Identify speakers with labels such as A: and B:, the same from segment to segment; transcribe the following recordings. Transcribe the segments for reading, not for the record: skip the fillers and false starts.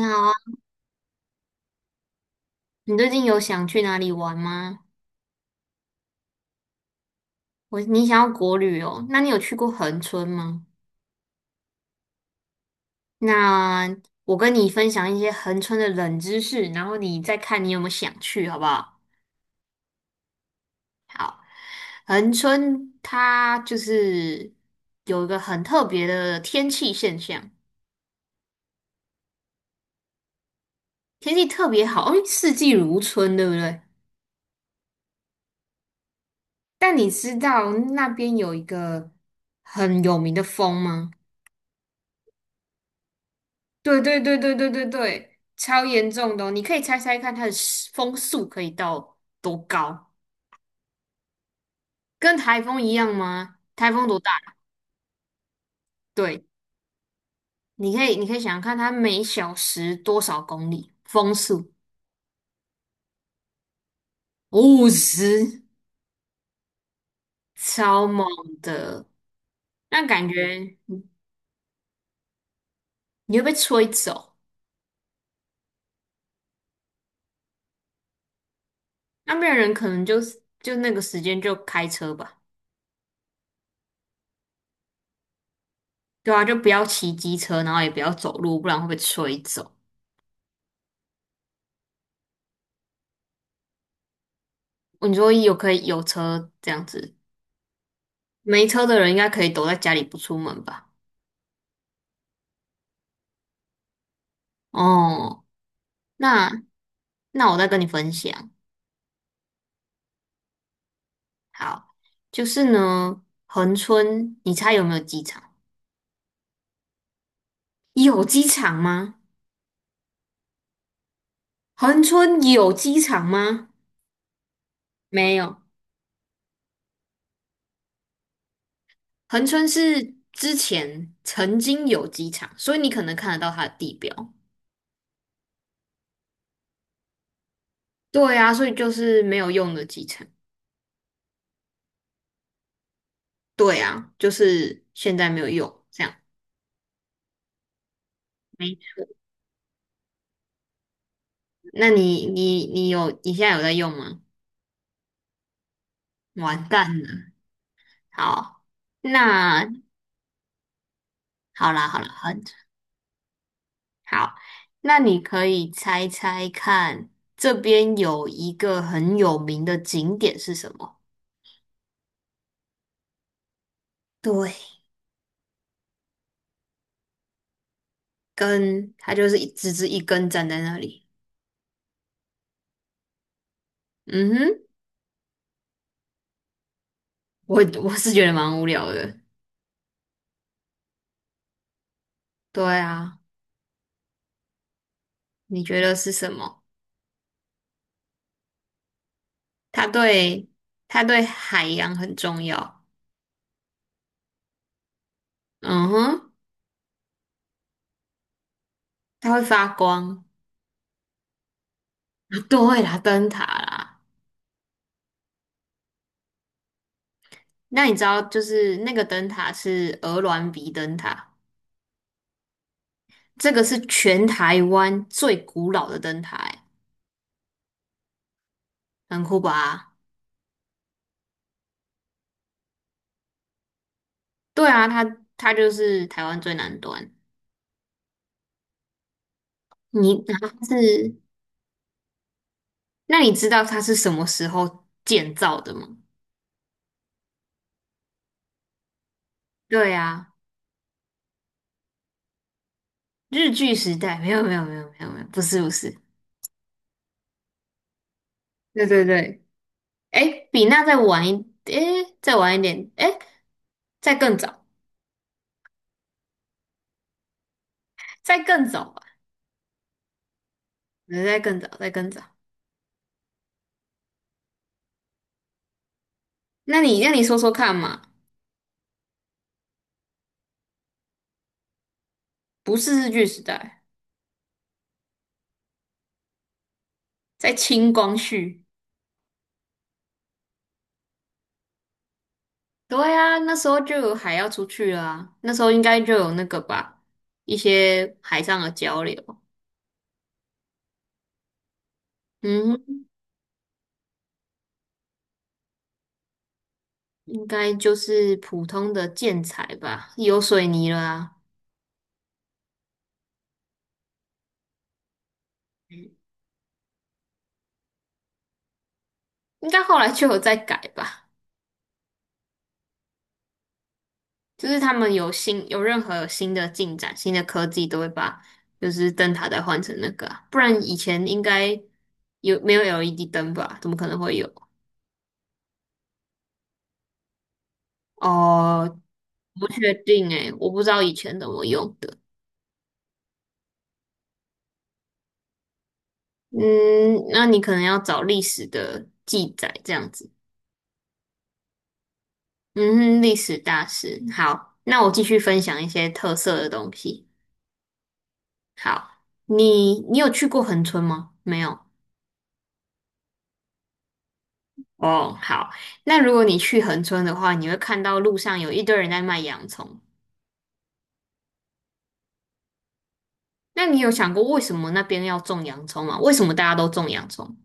A: 你好啊，你最近有想去哪里玩吗？你想要国旅哦，那你有去过恒春吗？那我跟你分享一些恒春的冷知识，然后你再看你有没有想去，好不好？恒春它就是有一个很特别的天气现象，天气特别好，因为四季如春，对不对？但你知道那边有一个很有名的风吗？对对对对对对对，超严重的哦，你可以猜猜看它的时风速可以到多高？跟台风一样吗？台风多大？对，你可以想想看，它每小时多少公里？风速50，超猛的。那感觉你会被吹走，那边的人可能就是那个时间就开车吧。对啊，就不要骑机车，然后也不要走路，不然会被吹走。你说可以有车这样子。没车的人应该可以躲在家里不出门吧？哦，那那我再跟你分享。好，就是呢，恒春，你猜有没有机场？有机场吗？恒春有机场吗？没有，恒春是之前曾经有机场，所以你可能看得到它的地标。对啊，所以就是没有用的机场。对啊，就是现在没有用，这样。没错，那你现在有在用吗？完蛋了。好，那好啦，好啦，很好。那你可以猜猜看，这边有一个很有名的景点是什么？对，根，它就是一直直一根站在那里。嗯哼，我我是觉得蛮无聊的。对啊，你觉得是什么？它对它对海洋很重要。嗯哼，它会发光。啊对啦，灯塔啦。那你知道，就是那个灯塔是鹅銮鼻灯塔。这个是全台湾最古老的灯台，很酷吧？对啊，它就是台湾最南端。你它是，那你知道它是什么时候建造的吗？对啊，日据时代，没有没有没有没有没有，不是不是，对对对，哎，比那再晚一，哎，再晚一点，哎，再更早，再更早吧，对再更早，再更早。那你说说看嘛，不是日据时代，在清光绪。对啊，那时候就有海要出去了啊，那时候应该就有那个吧，一些海上的交流。嗯，应该就是普通的建材吧，有水泥了啊，应该后来就有在改吧。就是他们有新有任何有新的进展、新的科技，都会把就是灯塔再换成那个啊，不然以前应该没有 LED 灯吧？怎么可能会有？哦，不确定诶，我不知道以前怎么用的。嗯，那你可能要找历史的记载这样子。嗯哼，历史大师。好，那我继续分享一些特色的东西。好，你有去过恒村吗？没有。哦，好。那如果你去恒村的话，你会看到路上有一堆人在卖洋葱。那你有想过为什么那边要种洋葱吗？为什么大家都种洋葱？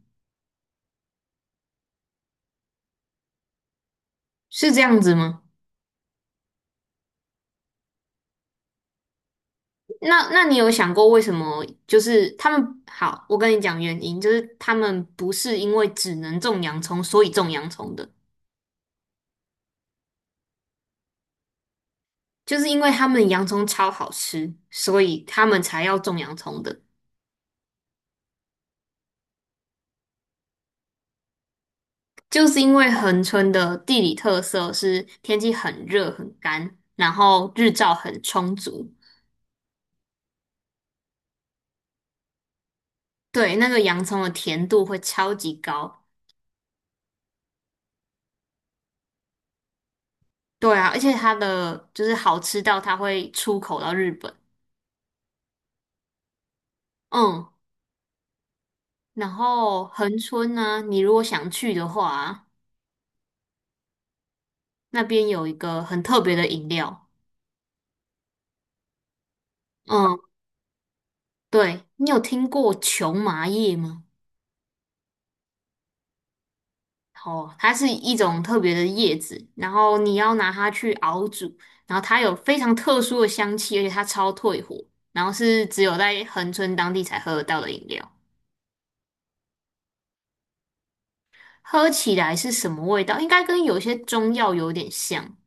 A: 是这样子吗？那你有想过为什么？就是他们好，我跟你讲原因，就是他们不是因为只能种洋葱，所以种洋葱的，就是因为他们洋葱超好吃，所以他们才要种洋葱的。就是因为恒春的地理特色是天气很热很干，然后日照很充足，对，那个洋葱的甜度会超级高。对啊，而且它的就是好吃到它会出口到日本。嗯。然后恒春呢，你如果想去的话啊，那边有一个很特别的饮料，嗯，对，你有听过琼麻叶吗？哦，它是一种特别的叶子，然后你要拿它去熬煮，然后它有非常特殊的香气，而且它超退火，然后是只有在恒春当地才喝得到的饮料。喝起来是什么味道？应该跟有些中药有点像。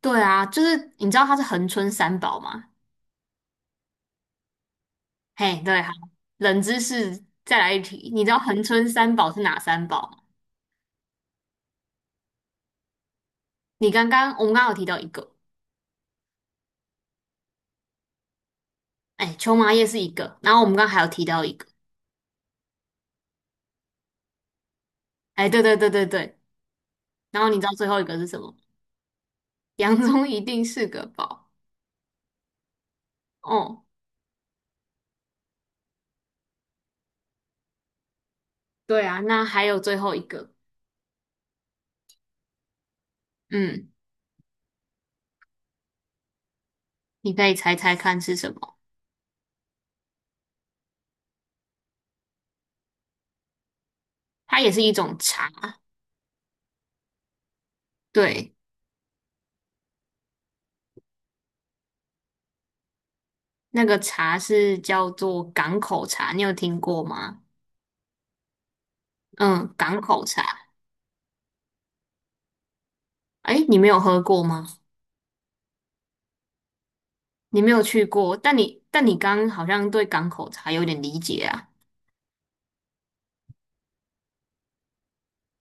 A: 对啊，就是你知道它是恒春三宝嘛，嘿，对，好，冷知识再来一题，你知道恒春三宝是哪三宝吗？你刚刚我们刚刚有提到一个，哎，秋麻叶是一个，然后我们刚刚还有提到一个，哎，对对对对对，然后你知道最后一个是什么？洋葱一定是个宝。哦，对啊，那还有最后一个，嗯，你可以猜猜看是什么？它也是一种茶，对，那个茶是叫做港口茶，你有听过吗？嗯，港口茶，哎，你没有喝过吗？你没有去过，但你刚刚好像对港口才有点理解啊，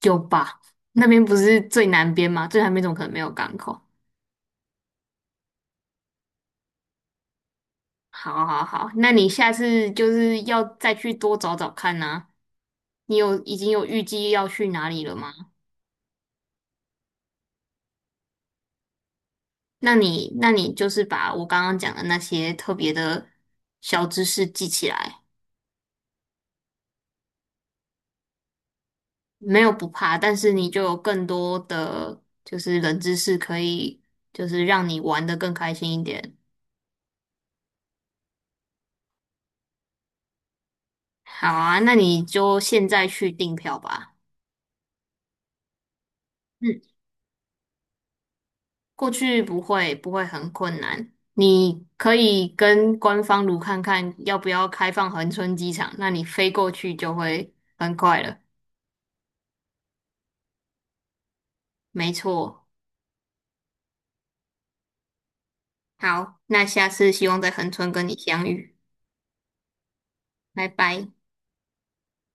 A: 有吧？那边不是最南边吗？最南边怎么可能没有港口？好好好，那你下次就是要再去多找找看呐、已经有预计要去哪里了吗？那你就是把我刚刚讲的那些特别的小知识记起来，没有不怕，但是你就有更多的就是冷知识可以，就是让你玩的更开心一点。好啊，那你就现在去订票吧。嗯，过去不会很困难，你可以跟官方如看看要不要开放恒春机场，那你飞过去就会很快了。没错，好，那下次希望在恒春跟你相遇，拜拜。